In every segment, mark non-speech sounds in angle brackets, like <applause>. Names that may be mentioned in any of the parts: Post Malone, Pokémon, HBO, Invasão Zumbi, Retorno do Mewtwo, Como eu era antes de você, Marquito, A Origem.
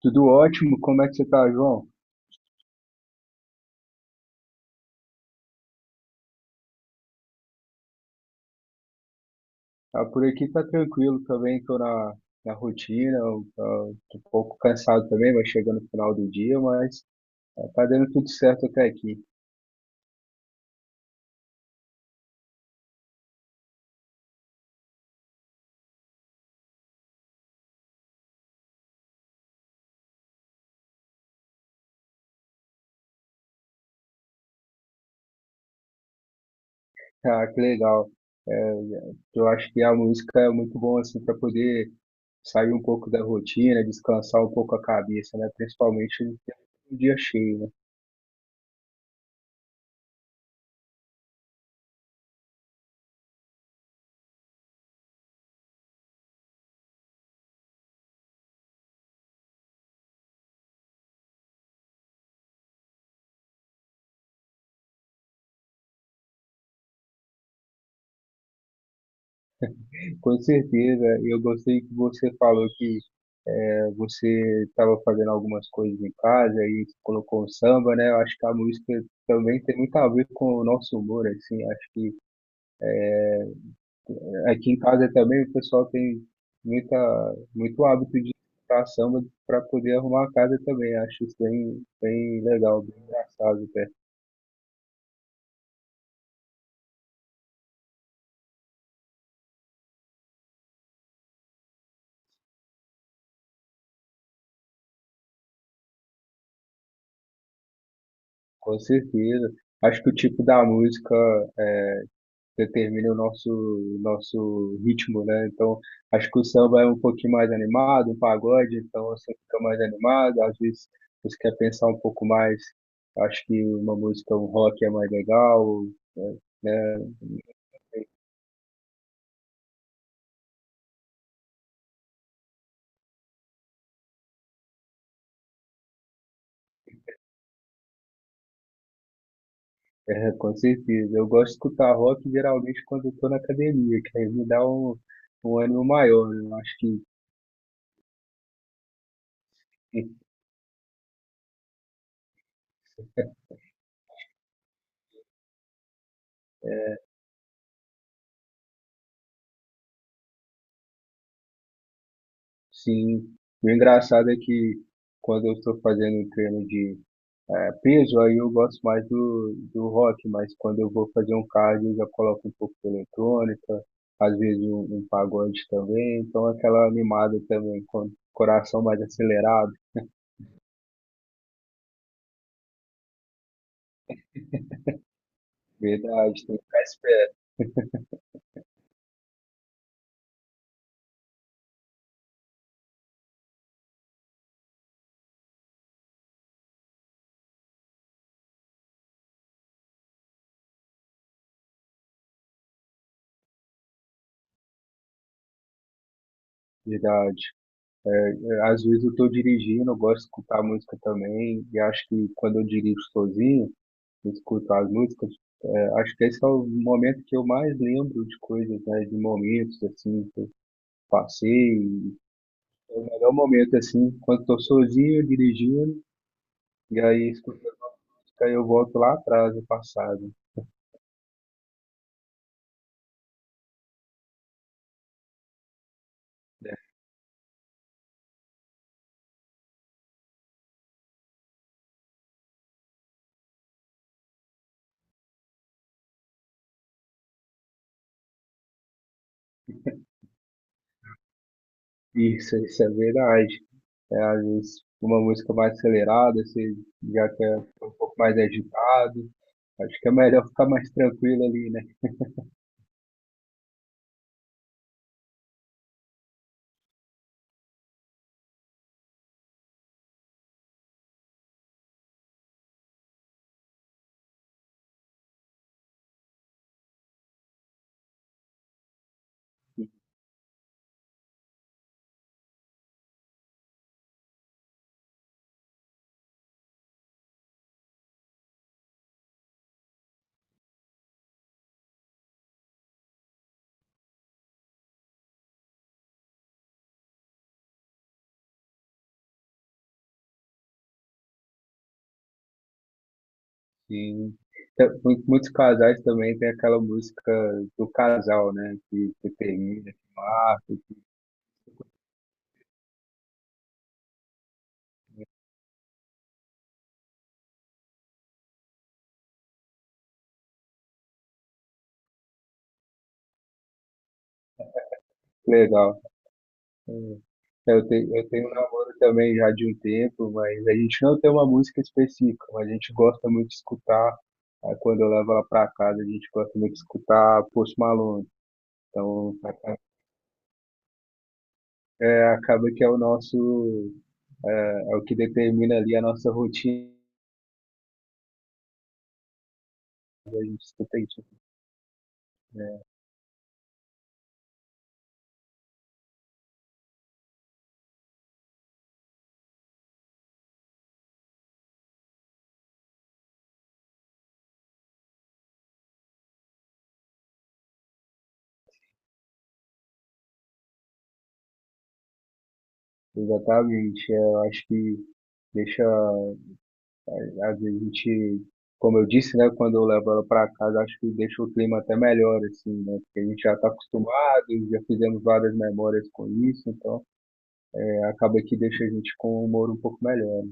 Tudo ótimo, como é que você tá, João? Ah, por aqui tá tranquilo também, tô na rotina, tô um pouco cansado também, vai chegando no final do dia, mas tá dando tudo certo até aqui. Ah, que legal. É, eu acho que a música é muito bom assim para poder sair um pouco da rotina, descansar um pouco a cabeça, né? Principalmente no dia cheio, né? Com certeza, eu gostei que você falou que você estava fazendo algumas coisas em casa e colocou o samba, né? Eu acho que a música também tem muito a ver com o nosso humor, assim. Acho que eh, aqui em casa também o pessoal tem muita, muito hábito de escutar samba para poder arrumar a casa também. Acho isso bem, bem legal, bem engraçado, até. Com certeza. Acho que o tipo da música é, determina o nosso ritmo, né? Então, acho que o samba é um pouquinho mais animado, um pagode, então você fica mais animado, às vezes você quer pensar um pouco mais, acho que uma música, um rock é mais legal, né? É, é, com certeza. Eu gosto de escutar rock geralmente quando eu tô na academia, que aí me dá um ânimo maior, né? Eu acho que <laughs> Sim. O engraçado é que quando eu estou fazendo treino de peso, aí eu gosto mais do rock, mas quando eu vou fazer um cardio, eu já coloco um pouco de eletrônica, às vezes um pagode também, então aquela animada também, com o coração mais acelerado. Verdade, tem que ficar esperto, verdade. É, é, às vezes eu estou dirigindo, eu gosto de escutar música também, e acho que quando eu dirijo sozinho, eu escuto as músicas. Acho que esse é o momento que eu mais lembro de coisas, né? De momentos, assim, que eu passei. É o melhor momento, assim, quando estou sozinho, dirigindo, e aí escutando música, aí eu volto lá atrás, no passado, né? Isso é verdade. É, às vezes, uma música mais acelerada, você já quer ficar um pouco mais agitado. Acho que é melhor ficar mais tranquilo ali, né? Sim. Muitos casais também tem aquela música do casal, né? Que termina, que marca. Legal. Hum. Eu tenho um namoro também já de um tempo, mas a gente não tem uma música específica, mas a gente gosta muito de escutar. Aí quando eu levo ela pra casa, a gente gosta muito de escutar Post Malone. Então, acaba que é o nosso, é, é o que determina ali a nossa rotina. A gente escuta isso, né? Exatamente. Eu acho que deixa. Às vezes a gente, como eu disse, né, quando eu levo ela para casa, acho que deixa o clima até melhor, assim, né? Porque a gente já está acostumado, já fizemos várias memórias com isso, então acaba que deixa a gente com um humor um pouco melhor.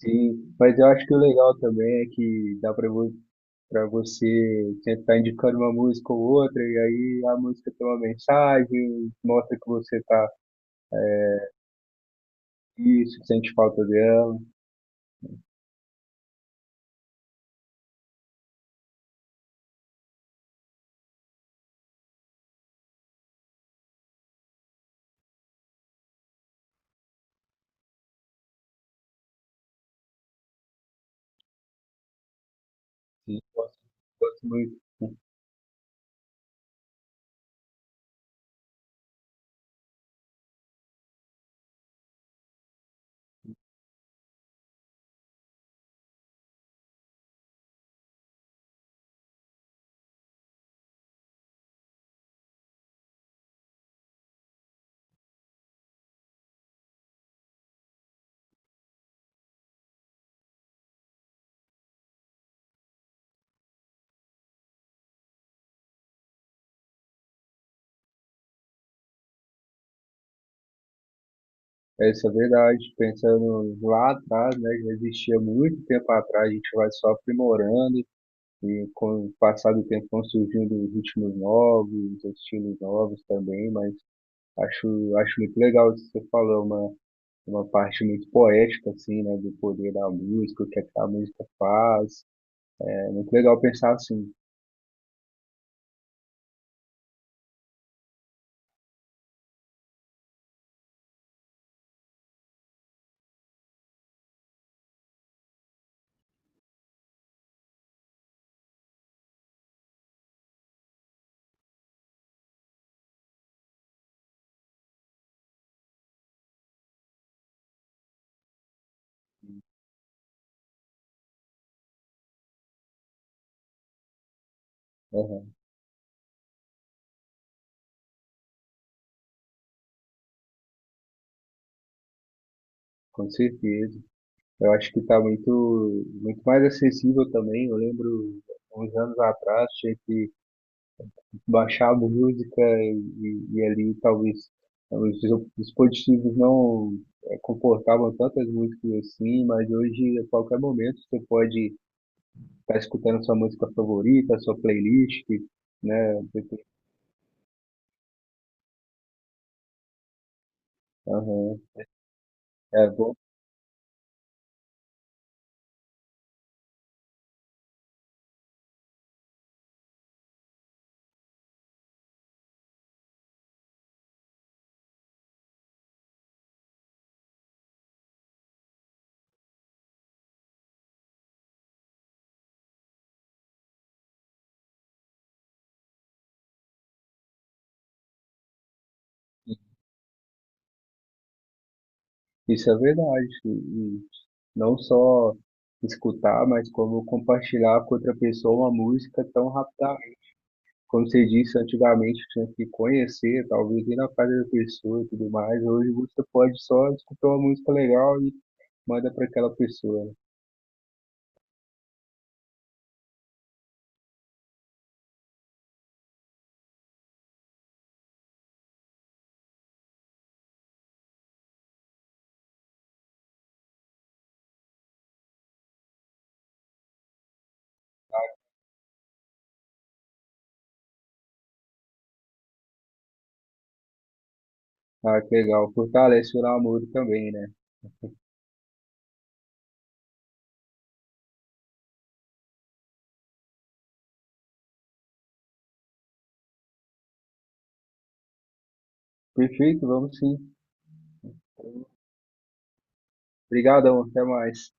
Sim, mas eu acho que o legal também é que dá para você tentar indicando uma música ou outra, e aí a música tem uma mensagem, mostra que você tá isso, sente falta dela. E gosto, gosto muito, essa é verdade. Pensando lá atrás, né, já existia muito tempo atrás, a gente vai só aprimorando e com o passar do tempo vão surgindo ritmos novos, estilos novos também, mas acho muito legal isso que você falou, uma parte muito poética, assim, né, do poder da música, o que é que a música faz. É muito legal pensar assim. Né, aham, com certeza. Eu acho que está muito mais acessível também. Eu lembro, uns anos atrás, tinha que baixar a música e ali talvez, os dispositivos não comportavam tantas músicas assim, mas hoje a qualquer momento você pode estar escutando a sua música favorita, a sua playlist, né? Aham. É bom. Isso é verdade. E não só escutar, mas como compartilhar com outra pessoa uma música tão. Como você disse, antigamente tinha que conhecer, talvez ir na casa da pessoa e tudo mais. Hoje você pode só escutar uma música legal e manda para aquela pessoa, né? Ah, que legal. Fortalece o namoro também, né? Perfeito, vamos sim. Obrigadão, até mais.